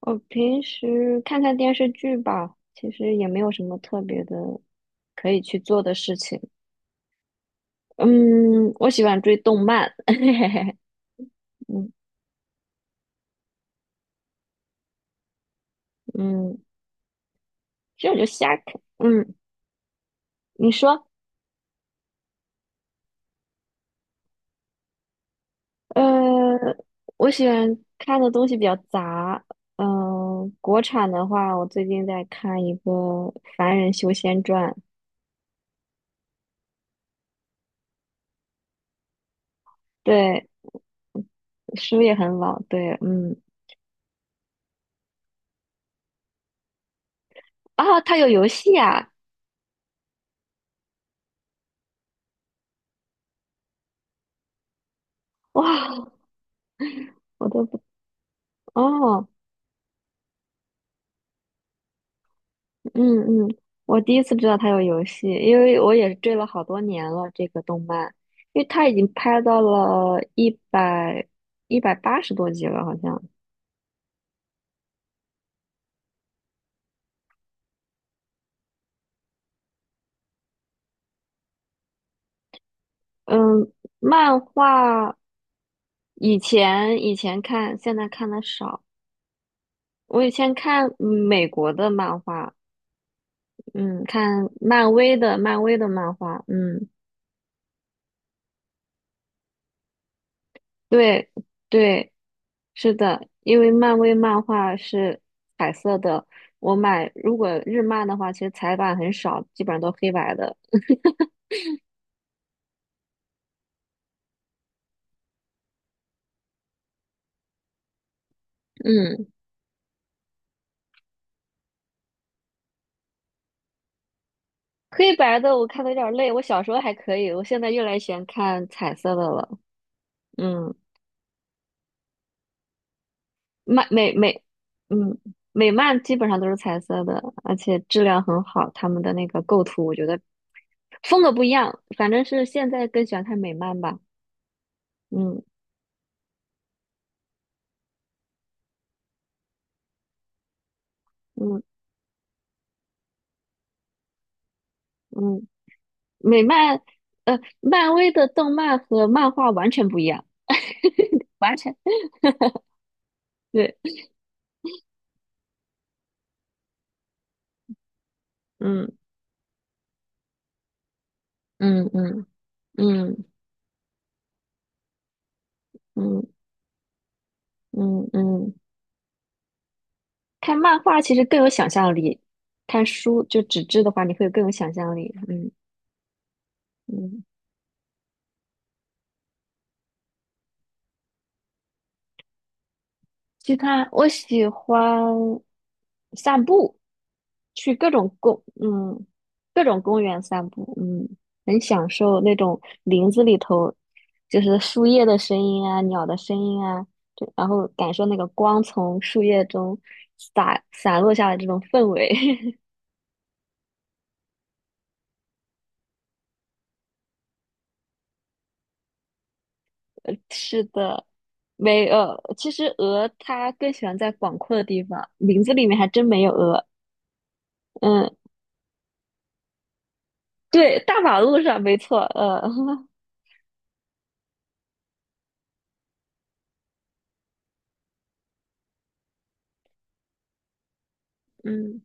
我平时看看电视剧吧，其实也没有什么特别的可以去做的事情。嗯，我喜欢追动漫，嗯嗯，其实我就瞎看。嗯，你说，呃，我喜欢看的东西比较杂。国产的话，我最近在看一个《凡人修仙传》，对，书也很老，对，嗯，啊，它有游戏啊，哇，我都不，哦。嗯嗯，我第一次知道它有游戏，因为我也是追了好多年了这个动漫，因为它已经拍到了一百一百八十多集了，好像。嗯，漫画以前看，现在看的少。我以前看美国的漫画，嗯，看漫威的漫画，嗯。对对，是的，因为漫威漫画是彩色的，我买如果日漫的话，其实彩版很少，基本上都黑白的。嗯，黑白的我看的有点累，我小时候还可以，我现在越来越喜欢看彩色的了。嗯，漫美美，嗯，美漫基本上都是彩色的，而且质量很好，他们的那个构图我觉得风格不一样，反正是现在更喜欢看美漫吧。嗯嗯嗯。美漫，漫威的动漫和漫画完全不一样，完全 对，嗯嗯嗯嗯嗯嗯嗯，看漫画其实更有想象力，看书就纸质的话，你会更有想象力，嗯嗯。其他我喜欢散步，去各种公园散步，嗯，很享受那种林子里头，就是树叶的声音啊，鸟的声音啊，对然后感受那个光从树叶中洒落下来这种氛围。是的，没呃，其实鹅它更喜欢在广阔的地方，林子里面还真没有鹅。嗯，对，大马路上没错，嗯。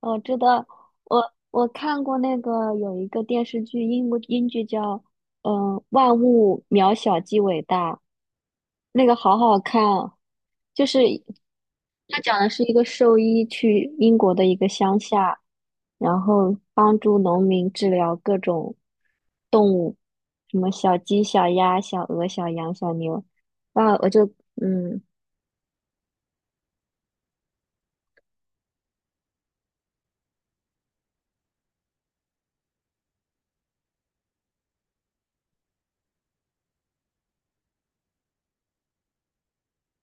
我知道，我看过那个有一个电视剧，英剧叫万物渺小即伟大》，那个好好看啊，就是它讲的是一个兽医去英国的一个乡下，然后帮助农民治疗各种动物，什么小鸡、小鸭、小鹅、小羊、小牛，啊，我就嗯。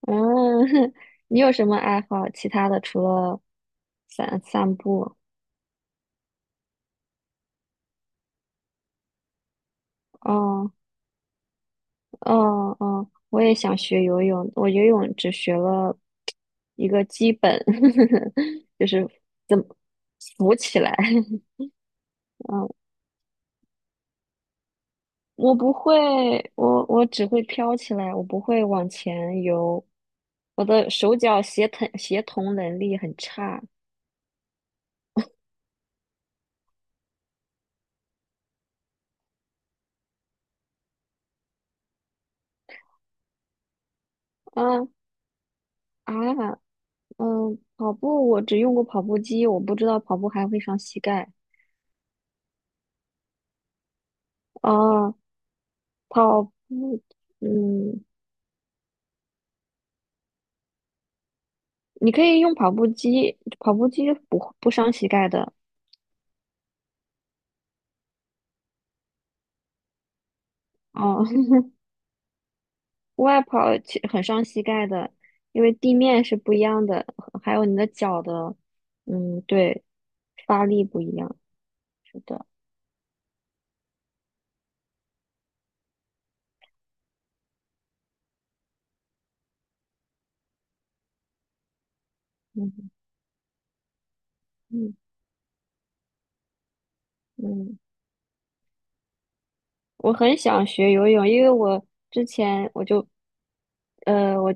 嗯，你有什么爱好？其他的除了散散步？哦哦哦，我也想学游泳，我游泳只学了一个基本，就是怎么浮起来。嗯，我不会，我只会飘起来，我不会往前游，我的手脚协同能力很差。嗯啊，嗯，跑步我只用过跑步机，我不知道跑步还会伤膝盖。啊，跑步，嗯，你可以用跑步机，跑步机不伤膝盖的。哦，户外跑其很伤膝盖的，因为地面是不一样的，还有你的脚的，嗯，对，发力不一样。是的，嗯嗯嗯。我很想学游泳，因为我之前我就，我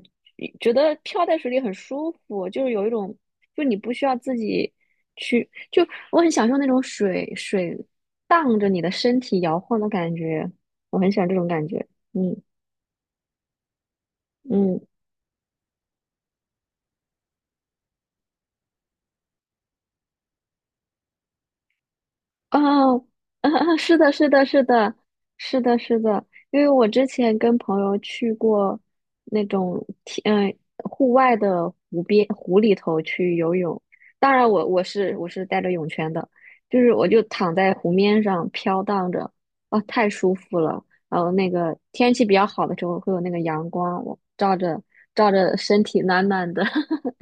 觉得漂在水里很舒服，就是有一种，就你不需要自己去，就我很享受那种水荡着你的身体摇晃的感觉，我很喜欢这种感觉。嗯嗯。哦，啊啊，是的，是的，是的，是的，是的，因为我之前跟朋友去过那种户外的湖边湖里头去游泳，当然我是带着泳圈的，就是我就躺在湖面上飘荡着，啊，太舒服了。然后那个天气比较好的时候会有那个阳光，我照着照着身体暖暖的。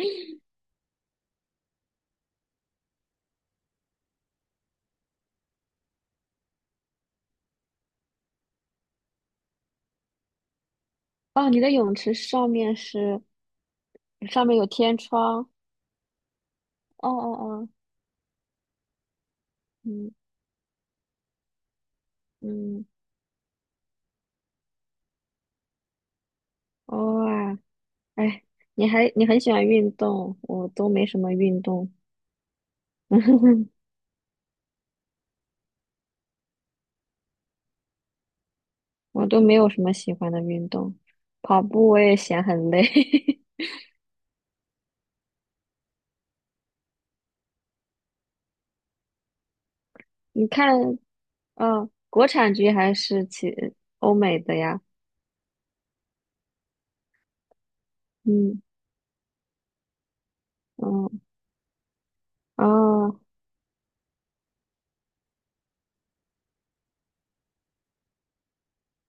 哦，你的泳池上面有天窗。哦哦哦。嗯嗯，哦啊，哎，你很喜欢运动，我都没什么运动，我都没有什么喜欢的运动，跑步我也嫌很累。你看，国产剧还是欧美的呀？嗯嗯哦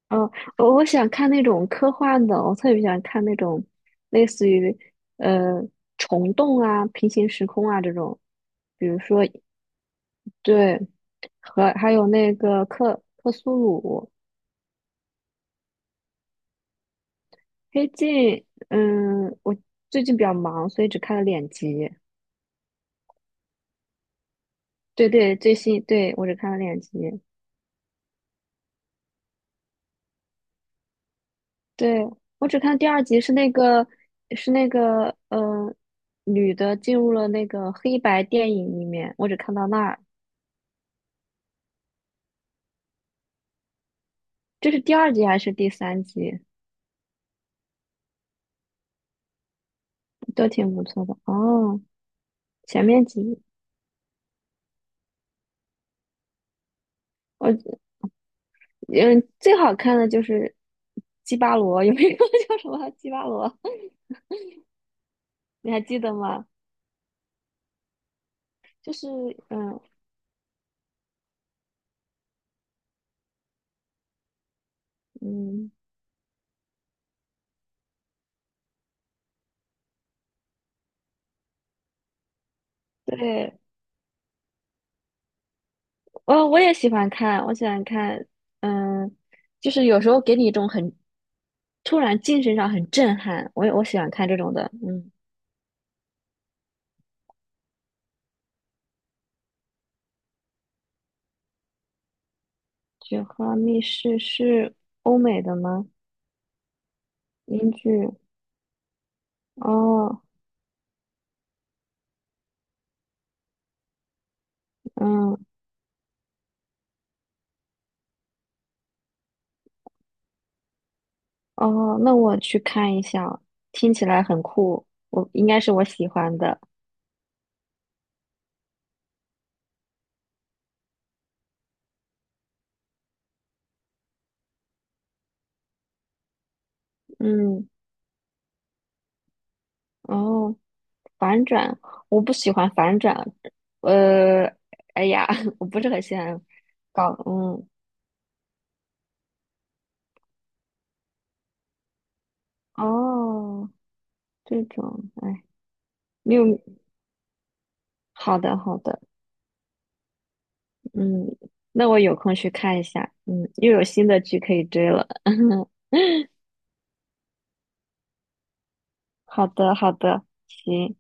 哦，我想看那种科幻的，我特别想看那种类似于呃虫洞啊、平行时空啊这种，比如说对，和还有那个克苏鲁黑镜，嗯，我最近比较忙，所以只看了两集。对对，最新，对，我只看了两集。对，我只看第二集是那个女的进入了那个黑白电影里面，我只看到那儿。这是第二集还是第三集？都挺不错的哦。前面几集我嗯最好看的就是基巴罗，有一个 叫什么基巴罗？你还记得吗？就是嗯嗯，对，哦，我也喜欢看，我喜欢看，嗯，就是有时候给你一种很突然精神上很震撼，我喜欢看这种的，嗯，《雪花密室》是欧美的吗？英剧？哦，嗯，哦，那我去看一下，听起来很酷，我应该是我喜欢的，嗯，哦。反转，我不喜欢反转。呃，哎呀，我不是很喜欢搞，嗯，哦，这种，哎，你有，好的，好的，嗯，那我有空去看一下，嗯，又有新的剧可以追了。好的，好的，行。